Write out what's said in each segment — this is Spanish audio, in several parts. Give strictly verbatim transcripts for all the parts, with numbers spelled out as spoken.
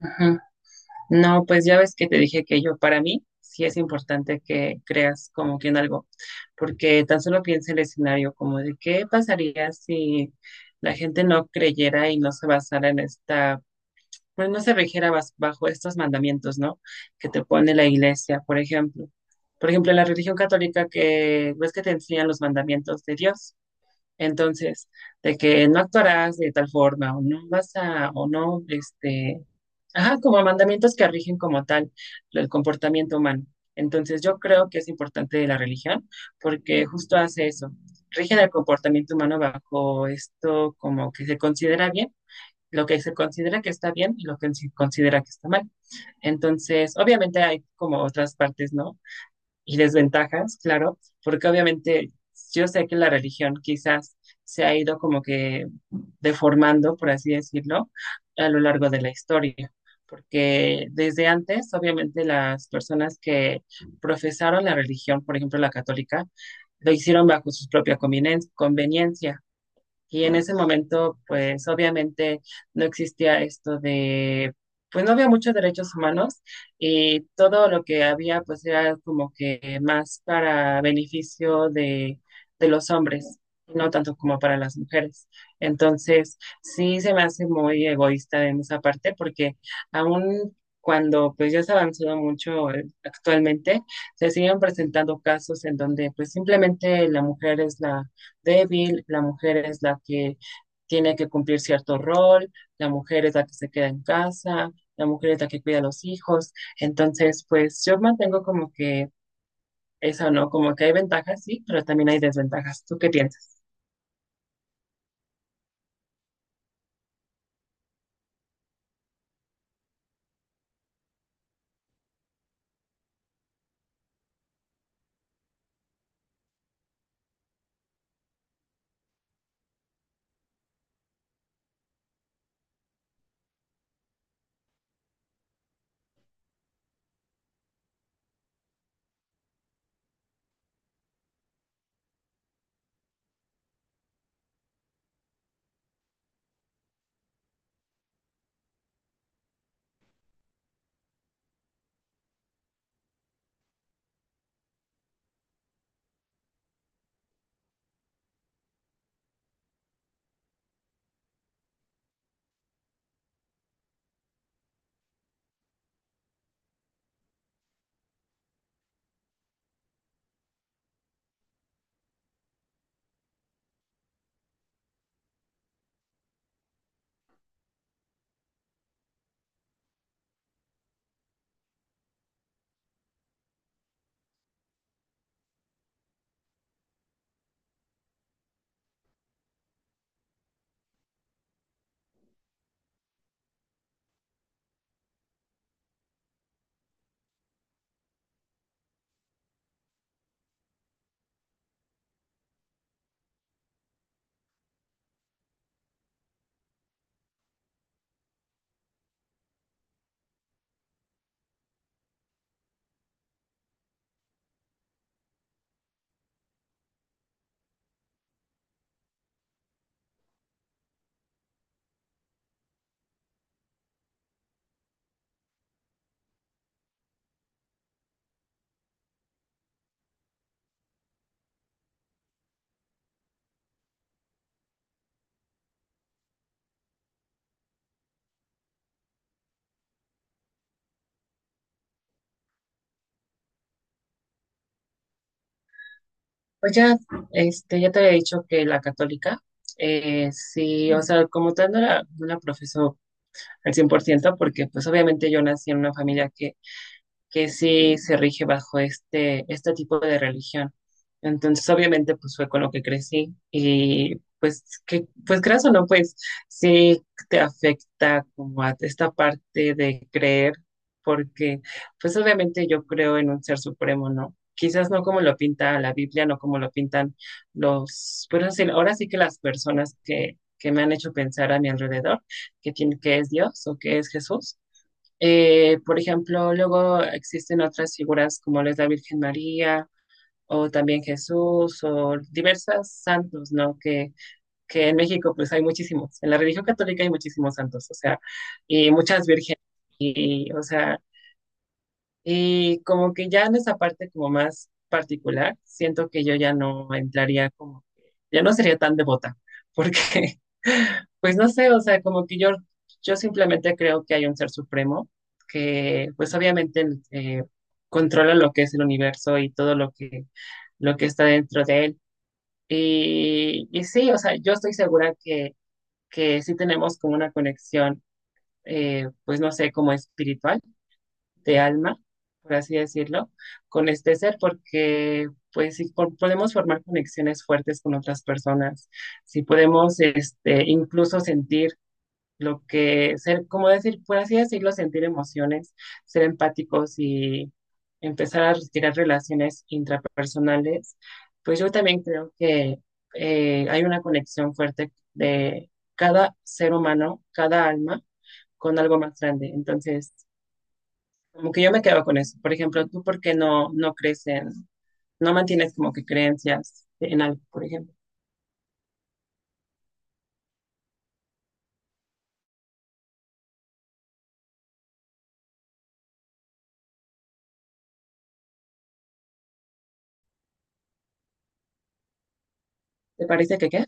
Ujú. No, pues ya ves que te dije que yo, para mí, sí es importante que creas como que en algo, porque tan solo piensa el escenario como de qué pasaría si la gente no creyera y no se basara en esta, pues no se rigiera bas- bajo estos mandamientos, ¿no? Que te pone la iglesia, por ejemplo. Por ejemplo, en la religión católica que ves que te enseñan los mandamientos de Dios. Entonces, de que no actuarás de tal forma, o no vas a, o no, este, ajá, como mandamientos que rigen como tal el comportamiento humano. Entonces, yo creo que es importante de la religión porque justo hace eso, rigen el comportamiento humano bajo esto como que se considera bien, lo que se considera que está bien y lo que se considera que está mal. Entonces, obviamente hay como otras partes, ¿no? Y desventajas, claro, porque obviamente yo sé que la religión quizás se ha ido como que deformando, por así decirlo, a lo largo de la historia, porque desde antes, obviamente, las personas que profesaron la religión, por ejemplo, la católica, lo hicieron bajo su propia convenien- conveniencia. Y en ese momento, pues obviamente no existía esto de, pues no había muchos derechos humanos y todo lo que había, pues era como que más para beneficio de, de los hombres, no tanto como para las mujeres. Entonces, sí se me hace muy egoísta en esa parte porque aún cuando pues ya se ha avanzado mucho eh, actualmente, se siguen presentando casos en donde pues simplemente la mujer es la débil, la mujer es la que tiene que cumplir cierto rol, la mujer es la que se queda en casa, la mujer es la que cuida a los hijos. Entonces, pues yo mantengo como que eso, ¿no? Como que hay ventajas, sí, pero también hay desventajas. ¿Tú qué piensas? Pues ya, este, ya te había dicho que la católica, eh, sí, o sea, como tal no la, no la profeso al cien por ciento porque pues obviamente yo nací en una familia que que sí se rige bajo este, este tipo de religión. Entonces, obviamente, pues fue con lo que crecí y pues, que, pues creas o no, pues sí te afecta como a esta parte de creer, porque pues obviamente yo creo en un ser supremo, ¿no? Quizás no como lo pinta la Biblia, no como lo pintan los, pero sí, ahora sí que las personas que, que me han hecho pensar a mi alrededor, que tiene, que es Dios o que es Jesús eh, por ejemplo, luego existen otras figuras como lo es la Virgen María o también Jesús o diversas santos, ¿no? Que, que en México pues hay muchísimos, en la religión católica hay muchísimos santos, o sea, y muchas vírgenes, y, o sea, y como que ya en esa parte como más particular, siento que yo ya no entraría como, ya no sería tan devota, porque, pues no sé, o sea, como que yo, yo simplemente creo que hay un ser supremo que, pues obviamente, eh, controla lo que es el universo y todo lo que, lo que está dentro de él. Y, y sí, o sea, yo estoy segura que, que sí tenemos como una conexión, eh, pues no sé, como espiritual de alma, por así decirlo, con este ser, porque pues si po- podemos formar conexiones fuertes con otras personas, si podemos este, incluso sentir lo que, ser, como decir, por así decirlo, sentir emociones, ser empáticos y empezar a retirar relaciones intrapersonales, pues yo también creo que eh, hay una conexión fuerte de cada ser humano, cada alma, con algo más grande. Entonces, como que yo me quedo con eso. Por ejemplo, ¿tú por qué no, no crees en, no mantienes como que creencias en algo, por ejemplo? ¿Te parece que qué?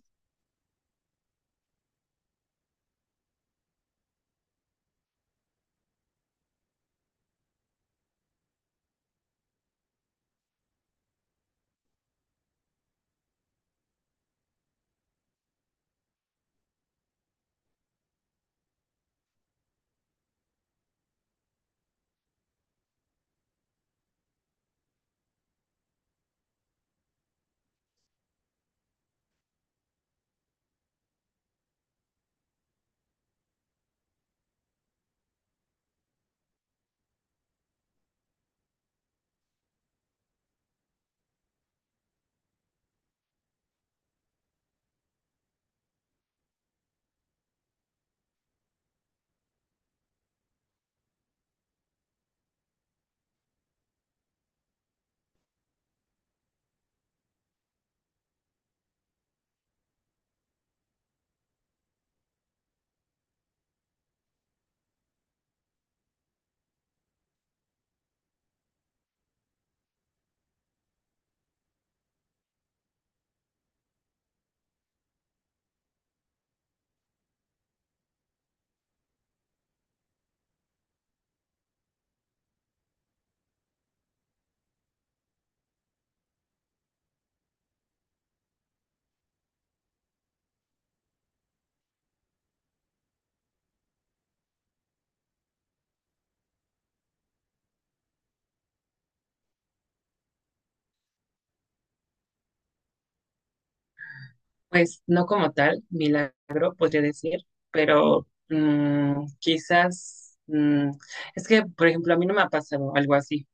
Pues no como tal, milagro, podría decir, pero mm, quizás, mm, es que, por ejemplo, a mí no me ha pasado algo así,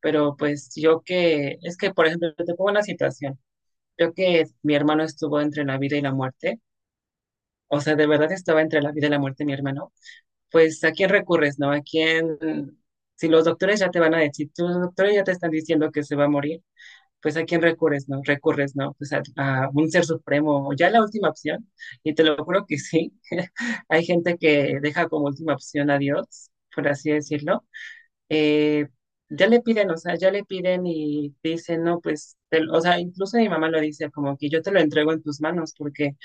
pero pues yo que, es que, por ejemplo, te pongo una situación. Yo que mi hermano estuvo entre la vida y la muerte, o sea, de verdad estaba entre la vida y la muerte mi hermano pues ¿a quién recurres, no? ¿A quién? Si los doctores ya te van a decir, si los doctores ya te están diciendo que se va a morir, pues ¿a quién recurres, no? Recurres, ¿no? Pues a, a un ser supremo, o ya la última opción, y te lo juro que sí, hay gente que deja como última opción a Dios, por así decirlo. Eh, ya le piden, o sea, ya le piden y dicen, no, pues, te, lo- o sea, incluso mi mamá lo dice, como que yo te lo entrego en tus manos, porque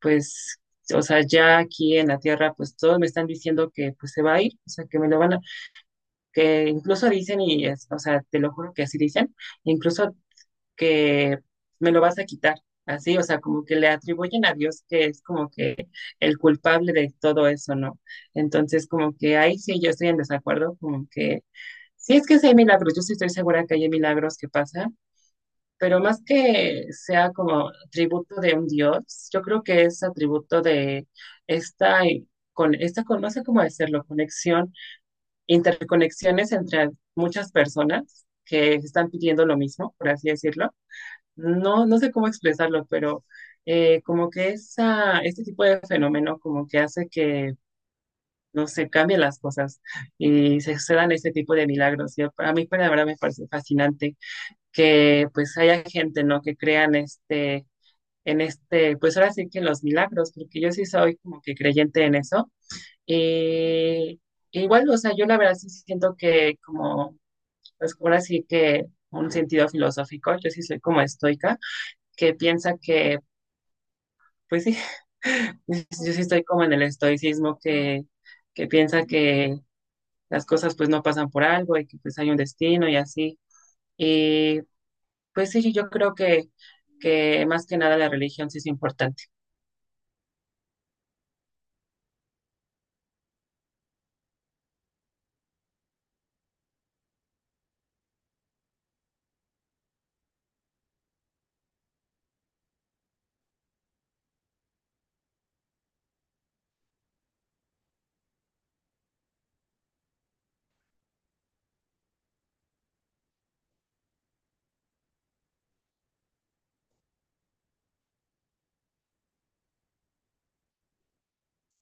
pues, o sea, ya aquí en la tierra, pues todos me están diciendo que pues se va a ir, o sea, que me lo van a, que incluso dicen y, es- o sea, te lo juro que así dicen, incluso que me lo vas a quitar, así, o sea, como que le atribuyen a Dios que es como que el culpable de todo eso, ¿no? Entonces, como que ahí sí yo estoy en desacuerdo, como que, si es que sí hay milagros, yo sí estoy segura que hay milagros que pasan, pero más que sea como tributo de un dios, yo creo que es atributo de esta, y- con, esta con, no sé cómo decirlo, conexión, interconexiones entre muchas personas que están pidiendo lo mismo, por así decirlo. No, no sé cómo expresarlo, pero eh, como que esa, este tipo de fenómeno como que hace que, no sé, cambien las cosas y se, se dan este tipo de milagros. Y a mí, para la verdad, me parece fascinante que pues haya gente, ¿no? Que crean este, en este, pues ahora sí que en los milagros, porque yo sí soy como que creyente en eso. Y igual, o sea, yo la verdad sí siento que como, pues ahora sí que un sentido filosófico, yo sí soy como estoica, que piensa que, pues sí, yo sí estoy como en el estoicismo que, que piensa que las cosas pues no pasan por algo y que pues hay un destino y así. Y pues sí, yo creo que, que más que nada la religión sí es importante.